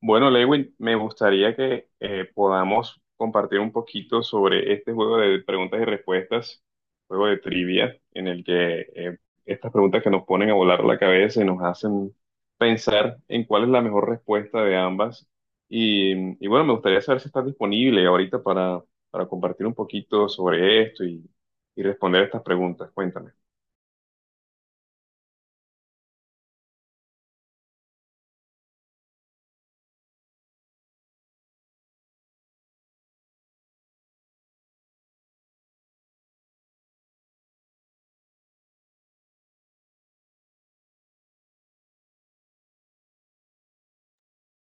Bueno, Lewin, me gustaría que podamos compartir un poquito sobre este juego de preguntas y respuestas, juego de trivia, en el que estas preguntas que nos ponen a volar la cabeza y nos hacen pensar en cuál es la mejor respuesta de ambas. Y, y bueno, me gustaría saber si estás disponible ahorita para compartir un poquito sobre esto y responder estas preguntas. Cuéntame.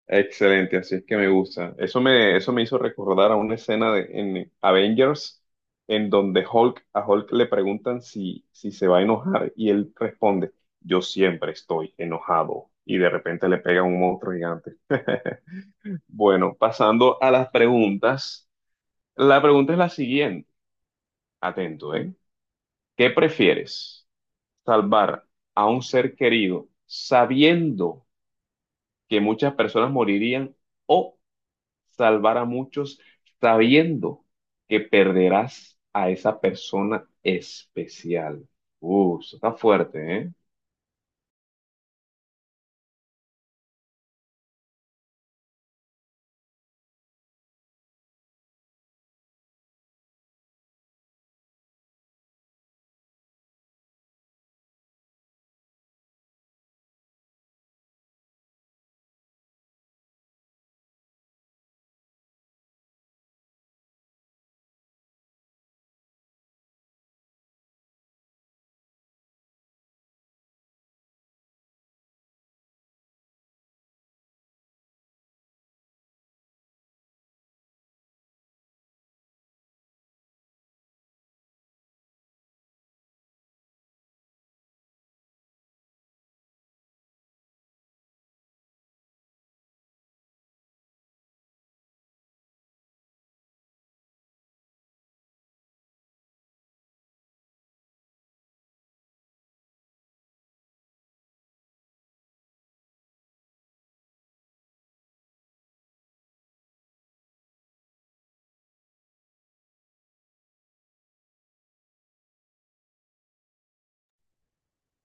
Excelente, así es que me gusta. Eso me hizo recordar a una escena en Avengers, en donde Hulk, a Hulk le preguntan si se va a enojar y él responde, yo siempre estoy enojado y de repente le pega un monstruo gigante. Bueno, pasando a las preguntas. La pregunta es la siguiente, atento, ¿eh? ¿Qué prefieres? ¿Salvar a un ser querido sabiendo que muchas personas morirían, o salvar a muchos sabiendo que perderás a esa persona especial? Eso está fuerte, ¿eh?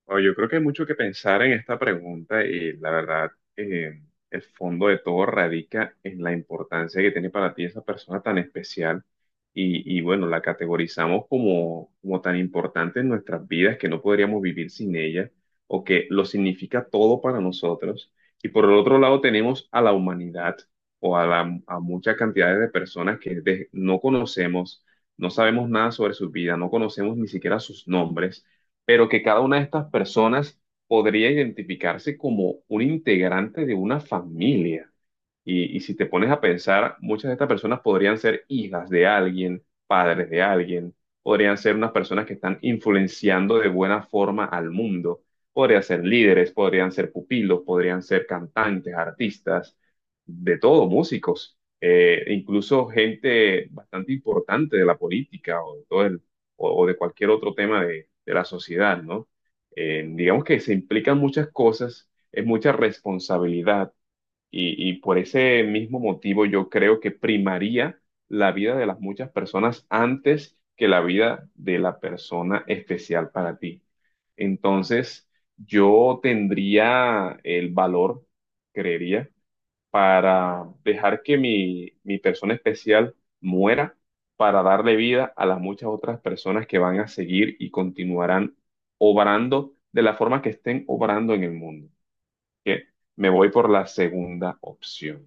Bueno, yo creo que hay mucho que pensar en esta pregunta y la verdad, eh, el fondo de todo radica en la importancia que tiene para ti esa persona tan especial y bueno, la categorizamos como, como tan importante en nuestras vidas que no podríamos vivir sin ella o que lo significa todo para nosotros. Y por el otro lado tenemos a la humanidad o a muchas cantidades de personas que no conocemos, no sabemos nada sobre su vida, no conocemos ni siquiera sus nombres, pero que cada una de estas personas podría identificarse como un integrante de una familia. Y si te pones a pensar, muchas de estas personas podrían ser hijas de alguien, padres de alguien, podrían ser unas personas que están influenciando de buena forma al mundo, podrían ser líderes, podrían ser pupilos, podrían ser cantantes, artistas, de todo, músicos, incluso gente bastante importante de la política o de todo el o de cualquier otro tema de la sociedad, ¿no? Digamos que se implican muchas cosas, es mucha responsabilidad y por ese mismo motivo yo creo que primaría la vida de las muchas personas antes que la vida de la persona especial para ti. Entonces, yo tendría el valor, creería, para dejar que mi persona especial muera, para darle vida a las muchas otras personas que van a seguir y continuarán obrando de la forma que estén obrando en el mundo. Que me voy por la segunda opción.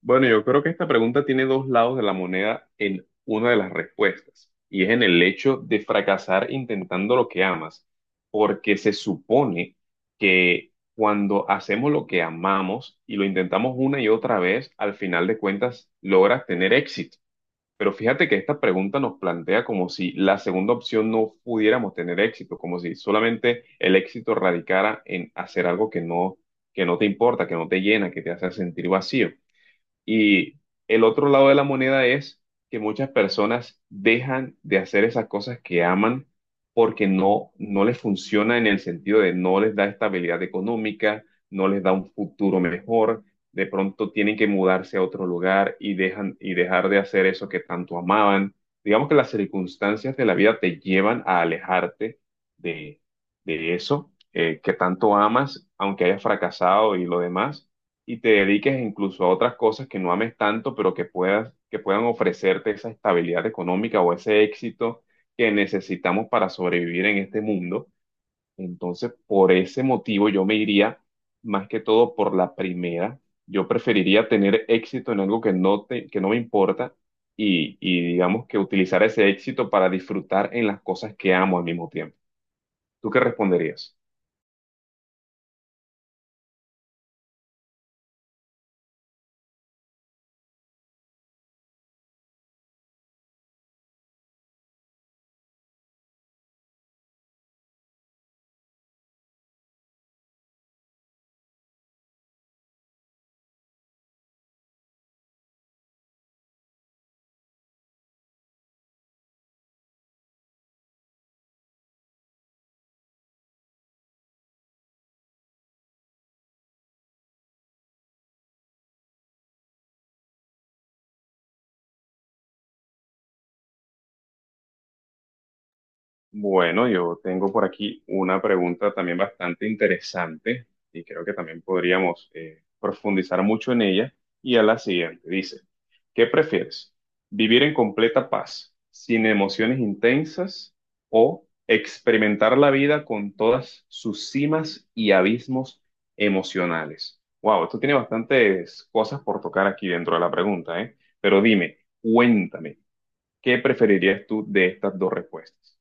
Bueno, yo creo que esta pregunta tiene dos lados de la moneda en una de las respuestas, y es en el hecho de fracasar intentando lo que amas, porque se supone que cuando hacemos lo que amamos y lo intentamos una y otra vez, al final de cuentas logras tener éxito. Pero fíjate que esta pregunta nos plantea como si la segunda opción no pudiéramos tener éxito, como si solamente el éxito radicara en hacer algo que no te importa, que no te llena, que te hace sentir vacío. Y el otro lado de la moneda es que muchas personas dejan de hacer esas cosas que aman porque no les funciona en el sentido de no les da estabilidad económica, no les da un futuro mejor, de pronto tienen que mudarse a otro lugar y dejan y dejar de hacer eso que tanto amaban. Digamos que las circunstancias de la vida te llevan a alejarte de, de eso que tanto amas, aunque hayas fracasado y lo demás, y te dediques incluso a otras cosas que no ames tanto, pero que puedan ofrecerte esa estabilidad económica o ese éxito que necesitamos para sobrevivir en este mundo. Entonces, por ese motivo, yo me iría más que todo por la primera. Yo preferiría tener éxito en algo que no me importa y digamos que utilizar ese éxito para disfrutar en las cosas que amo al mismo tiempo. ¿Tú qué responderías? Bueno, yo tengo por aquí una pregunta también bastante interesante y creo que también podríamos profundizar mucho en ella. Y a la siguiente, dice, ¿qué prefieres? ¿Vivir en completa paz, sin emociones intensas, o experimentar la vida con todas sus cimas y abismos emocionales? Wow, esto tiene bastantes cosas por tocar aquí dentro de la pregunta, ¿eh? Pero dime, cuéntame, ¿qué preferirías tú de estas dos respuestas?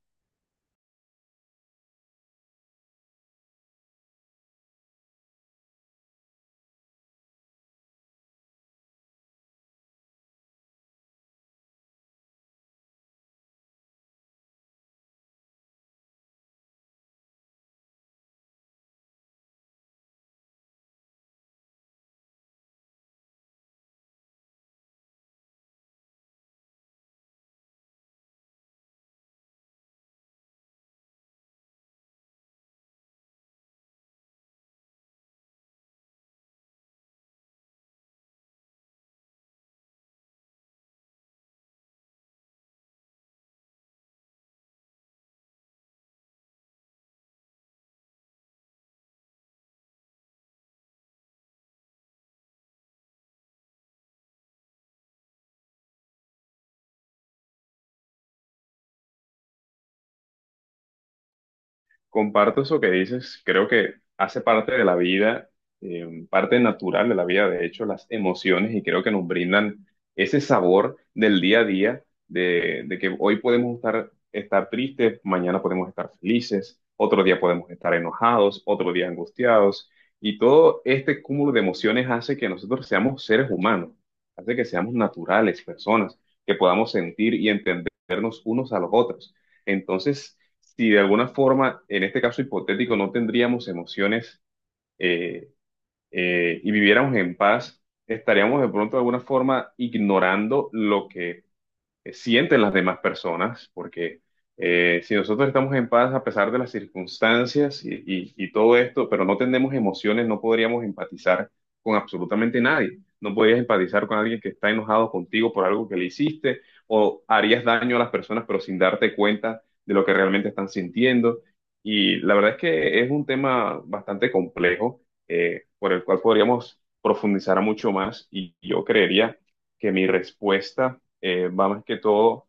Comparto eso que dices, creo que hace parte de la vida, parte natural de la vida, de hecho, las emociones, y creo que nos brindan ese sabor del día a día, de que hoy podemos estar tristes, mañana podemos estar felices, otro día podemos estar enojados, otro día angustiados, y todo este cúmulo de emociones hace que nosotros seamos seres humanos, hace que seamos naturales, personas, que podamos sentir y entendernos unos a los otros. Entonces, si de alguna forma, en este caso hipotético, no tendríamos emociones eh, y viviéramos en paz, estaríamos de pronto de alguna forma ignorando lo que sienten las demás personas, porque si nosotros estamos en paz a pesar de las circunstancias y todo esto, pero no tenemos emociones, no podríamos empatizar con absolutamente nadie. No podrías empatizar con alguien que está enojado contigo por algo que le hiciste, o harías daño a las personas, pero sin darte cuenta de lo que realmente están sintiendo. Y la verdad es que es un tema bastante complejo, por el cual podríamos profundizar mucho más y yo creería que mi respuesta va más que todo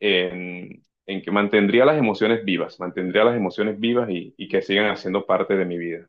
en que mantendría las emociones vivas, mantendría las emociones vivas y que sigan haciendo parte de mi vida.